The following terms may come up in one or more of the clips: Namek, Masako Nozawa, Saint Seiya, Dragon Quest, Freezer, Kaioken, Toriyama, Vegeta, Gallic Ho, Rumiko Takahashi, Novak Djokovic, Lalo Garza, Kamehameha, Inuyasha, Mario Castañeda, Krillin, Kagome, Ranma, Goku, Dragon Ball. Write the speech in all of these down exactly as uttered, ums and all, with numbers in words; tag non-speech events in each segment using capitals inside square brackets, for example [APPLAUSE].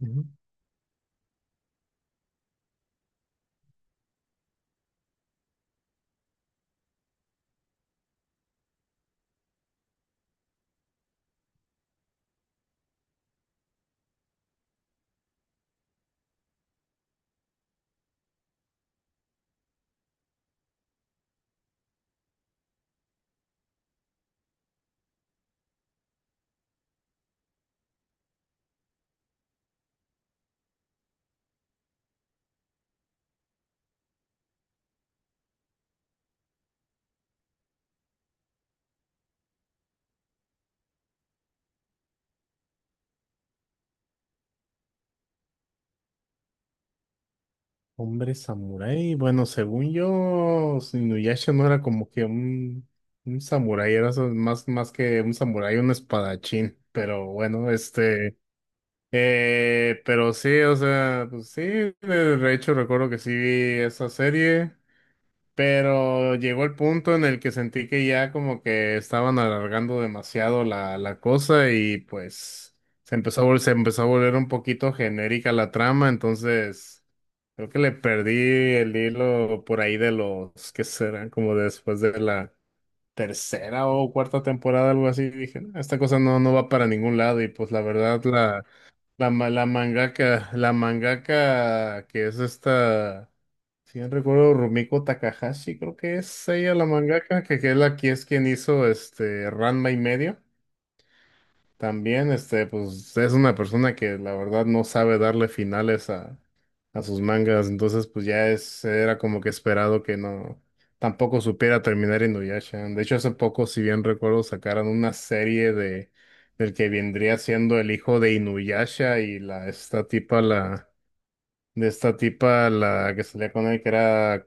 Ujú. Hombre samurái, bueno, según yo, Inuyasha no era como que un, un samurái, era so- más, más que un samurái, un espadachín, pero bueno, este, eh, pero sí, o sea, pues sí, de de hecho recuerdo que sí vi esa serie, pero llegó el punto en el que sentí que ya como que estaban alargando demasiado la, la cosa y pues se empezó a vol- se empezó a volver un poquito genérica la trama, entonces creo que le perdí el hilo por ahí de los que serán como después de la tercera o cuarta temporada, algo así. Dije, "No, esta cosa no, no va para ningún lado y pues la verdad la, la, ma- la mangaka, la mangaka que es esta... Si bien recuerdo, Rumiko Takahashi, creo que es ella la mangaka, que, que es la que es quien hizo este Ranma y medio. También, este, pues es una persona que la verdad no sabe darle finales a, a sus mangas, entonces pues ya es, era como que esperado que no, tampoco supiera terminar Inuyasha. De hecho, hace poco, si bien recuerdo, sacaron una serie de del que vendría siendo el hijo de Inuyasha y la esta tipa la de esta tipa, la que salía con él, que era,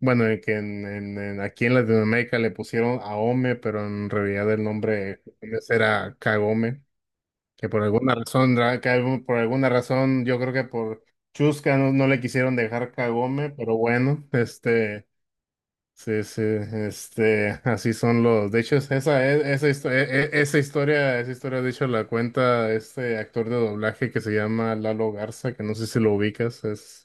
bueno, en que en, en- en- aquí en Latinoamérica le pusieron Aome, pero en realidad el nombre japonés era Kagome, que por alguna razón, ra- que algún- por alguna razón, yo creo que por Chusca no, no le quisieron dejar Kagome, pero bueno, este, sí, sí, este, así son los, de hecho, es- esa, es- esa, histo- e- e- esa historia, esa historia, de hecho, la cuenta este actor de doblaje que se llama Lalo Garza, que no sé si lo ubicas, es...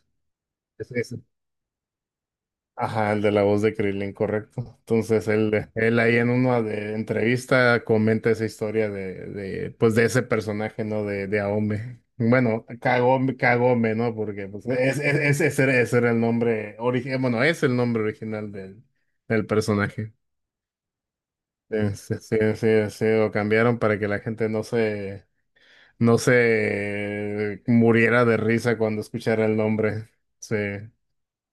Ajá, el de la voz de Krillin, correcto. Entonces, él, él ahí en una de- entrevista comenta esa historia de, de, pues, de ese personaje, ¿no? De, de Aome. Bueno, Kagome, Kagome, ¿no? Porque pues, es- es- es- ese, era, ese era el nombre original, bueno, es el nombre original del, del personaje. Sí, sí, sí, sí, sí, lo cambiaron para que la gente no se, no se muriera de risa cuando escuchara el nombre. Sí.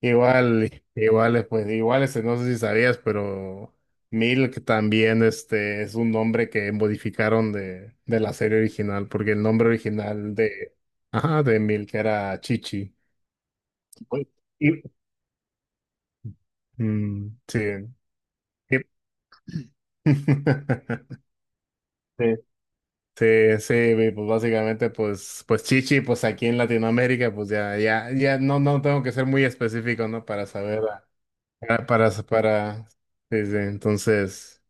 Igual, igual, pues igual, este, no sé si sabías, pero Milk también este, es un nombre que modificaron de, de la serie original, porque el nombre original de, ajá, de Milk era Chichi. Uy, y- Mm, sí. y- [LAUGHS] Sí. Sí, sí, y pues básicamente, pues, pues Chichi, pues aquí en Latinoamérica, pues ya, ya, ya no, no tengo que ser muy específico, ¿no? Para saber. Para, para, para- sí, sí, entonces,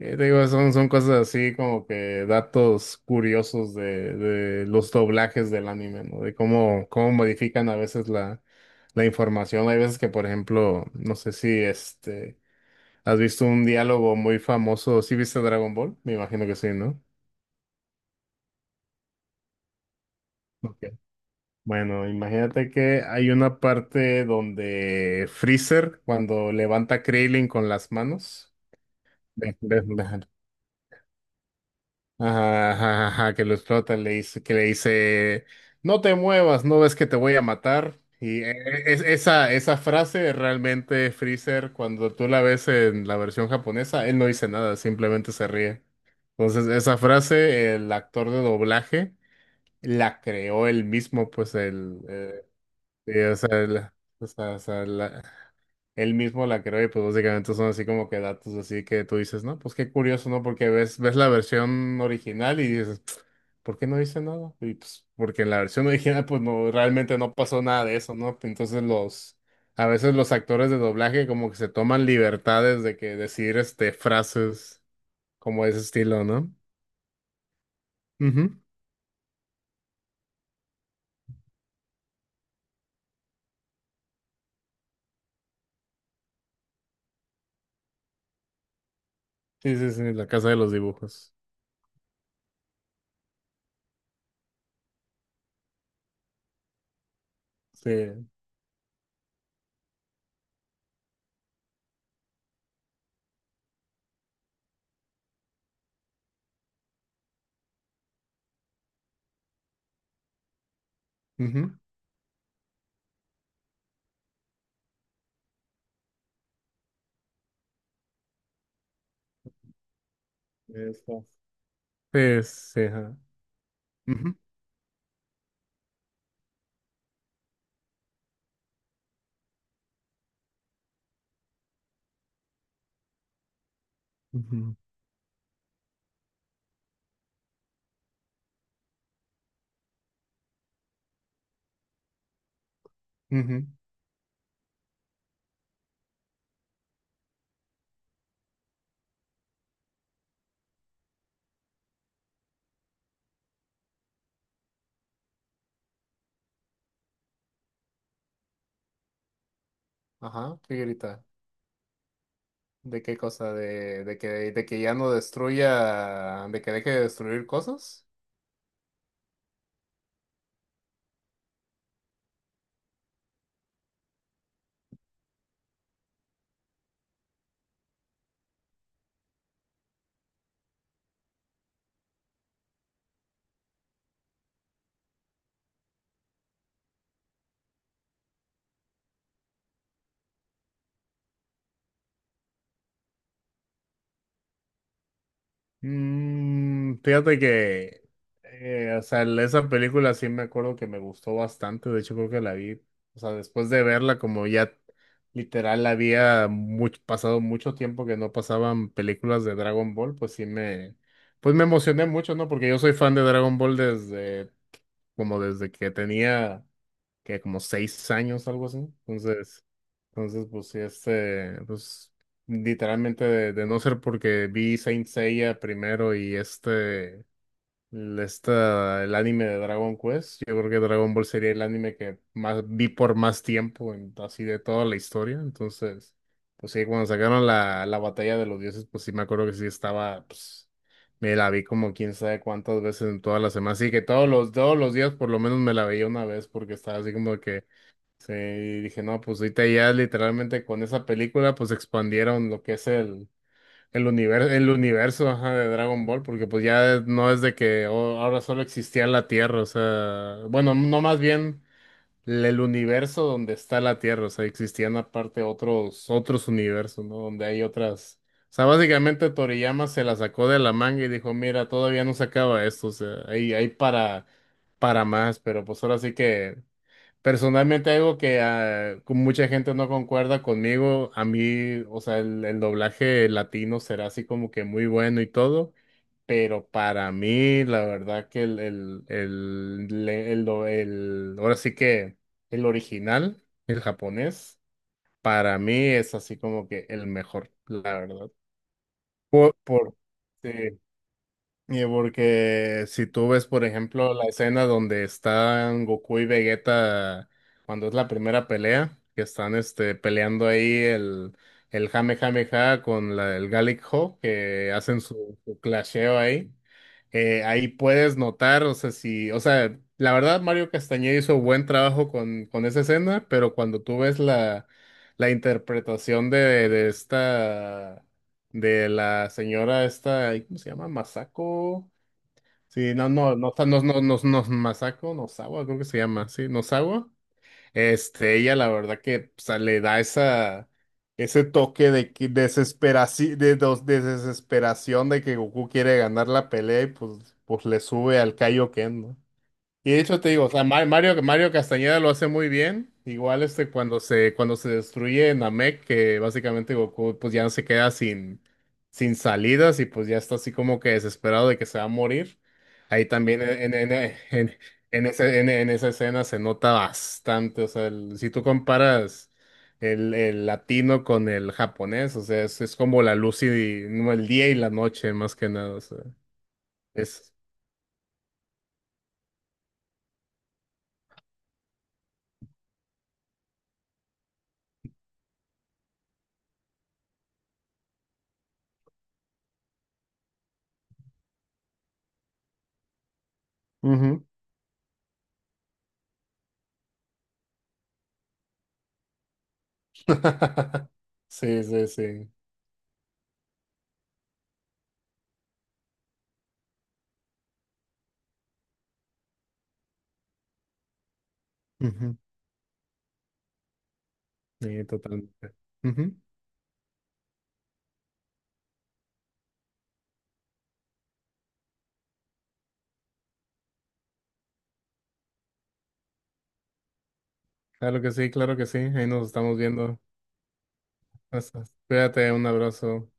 eh, te digo, son, son cosas así como que datos curiosos de, de los doblajes del anime, ¿no? De cómo, cómo modifican a veces la, la información. Hay veces que, por ejemplo, no sé si este, has visto un diálogo muy famoso, ¿sí viste Dragon Ball? Me imagino que sí, ¿no? Ok. Bueno, imagínate que hay una parte donde Freezer, cuando levanta a Krillin con las manos, de- de- de- Ajá, ajá, ajá, que lo explota, le dice, que le dice, no te muevas, no ves que te voy a matar. Y eh, es, esa, esa frase realmente Freezer, cuando tú la ves en la versión japonesa, él no dice nada, simplemente se ríe. Entonces, esa frase, el actor de doblaje la creó él mismo, pues el, eh, sí, o sea, la- o sea, o sea, la- él mismo la creó y pues básicamente son así como que datos así que tú dices, no, pues qué curioso, ¿no? Porque ves, ves la versión original y dices, ¿por qué no dice nada? Y pues porque en la versión original pues no, realmente no pasó nada de eso, ¿no? Entonces los, a veces los actores de doblaje como que se toman libertades de que decir este frases como ese estilo, ¿no? Ujú. Sí, sí, sí, la casa de los dibujos. Sí. Ujú. Eso. Sí, sí, ajá. Ujú, ujú, ujú. Ajá, figurita. ¿De qué cosa? ¿De, de que, de que ya no destruya, de que deje de destruir cosas? Mm, fíjate que, eh, o sea, el- esa película sí me acuerdo que me gustó bastante. De hecho, creo que la vi, o sea, después de verla, como ya literal había mucho, pasado mucho tiempo que no pasaban películas de Dragon Ball, pues sí me, pues me emocioné mucho, ¿no? Porque yo soy fan de Dragon Ball desde, como desde que tenía. Que como seis años, algo así. Entonces, entonces pues sí, este, pues literalmente de, de no ser porque vi Saint Seiya primero y este, el, esta- el anime de Dragon Quest, yo creo que Dragon Ball sería el anime que más vi por más tiempo, en- así de toda la historia. Entonces, pues sí, cuando sacaron la, la batalla de los dioses, pues sí me acuerdo que sí estaba, pues, me la vi como quién sabe cuántas veces en todas las semanas. Así que todos los, todos los días por lo menos me la veía una vez porque estaba así como que sí, y dije, no, pues ahorita ya literalmente con esa película pues expandieron lo que es el, el universo, el universo, ajá, de Dragon Ball, porque pues ya no es de que oh, ahora solo existía la Tierra, o sea, bueno, no más bien el el universo donde está la Tierra, o sea, existían aparte otros, otros universos, ¿no? Donde hay otras, o sea, básicamente Toriyama se la sacó de la manga y dijo, mira, todavía no se acaba esto, o sea, hay, hay para, para más, pero pues ahora sí que... Personalmente algo que ah, con mucha gente no concuerda conmigo, a mí, o sea, el, el doblaje latino será así como que muy bueno y todo, pero para mí la verdad que el, el, el, le- el do- el- ahora sí que el original, el japonés, para mí es así como que el mejor, la verdad. Por, por, sí, y porque si tú ves, por ejemplo, la escena donde están Goku y Vegeta cuando es la primera pelea, que están este peleando ahí el, el Kamehameha con la, el Gallic Ho, que hacen su, su clasheo ahí. Eh, ahí puedes notar, o sea, si, o sea, la verdad Mario Castañeda hizo buen trabajo con, con esa escena, pero cuando tú ves la, la interpretación de, de esta de la señora esta, ay, ¿cómo se llama? Masako. Sí, no, no, no, no, no, no, no, Masako, Nozawa, creo que se llama, sí, Nozawa. Este, ella la verdad que, o sea, le da esa, ese toque de que desesperaci- de, dos- de desesperación de que Goku quiere ganar la pelea y pues, pues le sube al Kaioken, ¿no? Y de hecho te digo, o sea, Ma- Mario, Mario Castañeda lo hace muy bien. Igual este cuando se, cuando se destruye Namek, que básicamente Goku pues ya no se queda sin, sin salidas y pues ya está así como que desesperado de que se va a morir. Ahí también en, en, en, en- en ese- en- en esa escena se nota bastante. O sea, el- si tú comparas el, el latino con el japonés, o sea, es, es como la luz y no, el día y la noche, más que nada. O sea, es. [LAUGHS] Sí, sí, sí. Ujú, sí, totalmente. Ujú. Claro que sí, claro que sí. Ahí nos estamos viendo. Hasta- cuídate, un abrazo.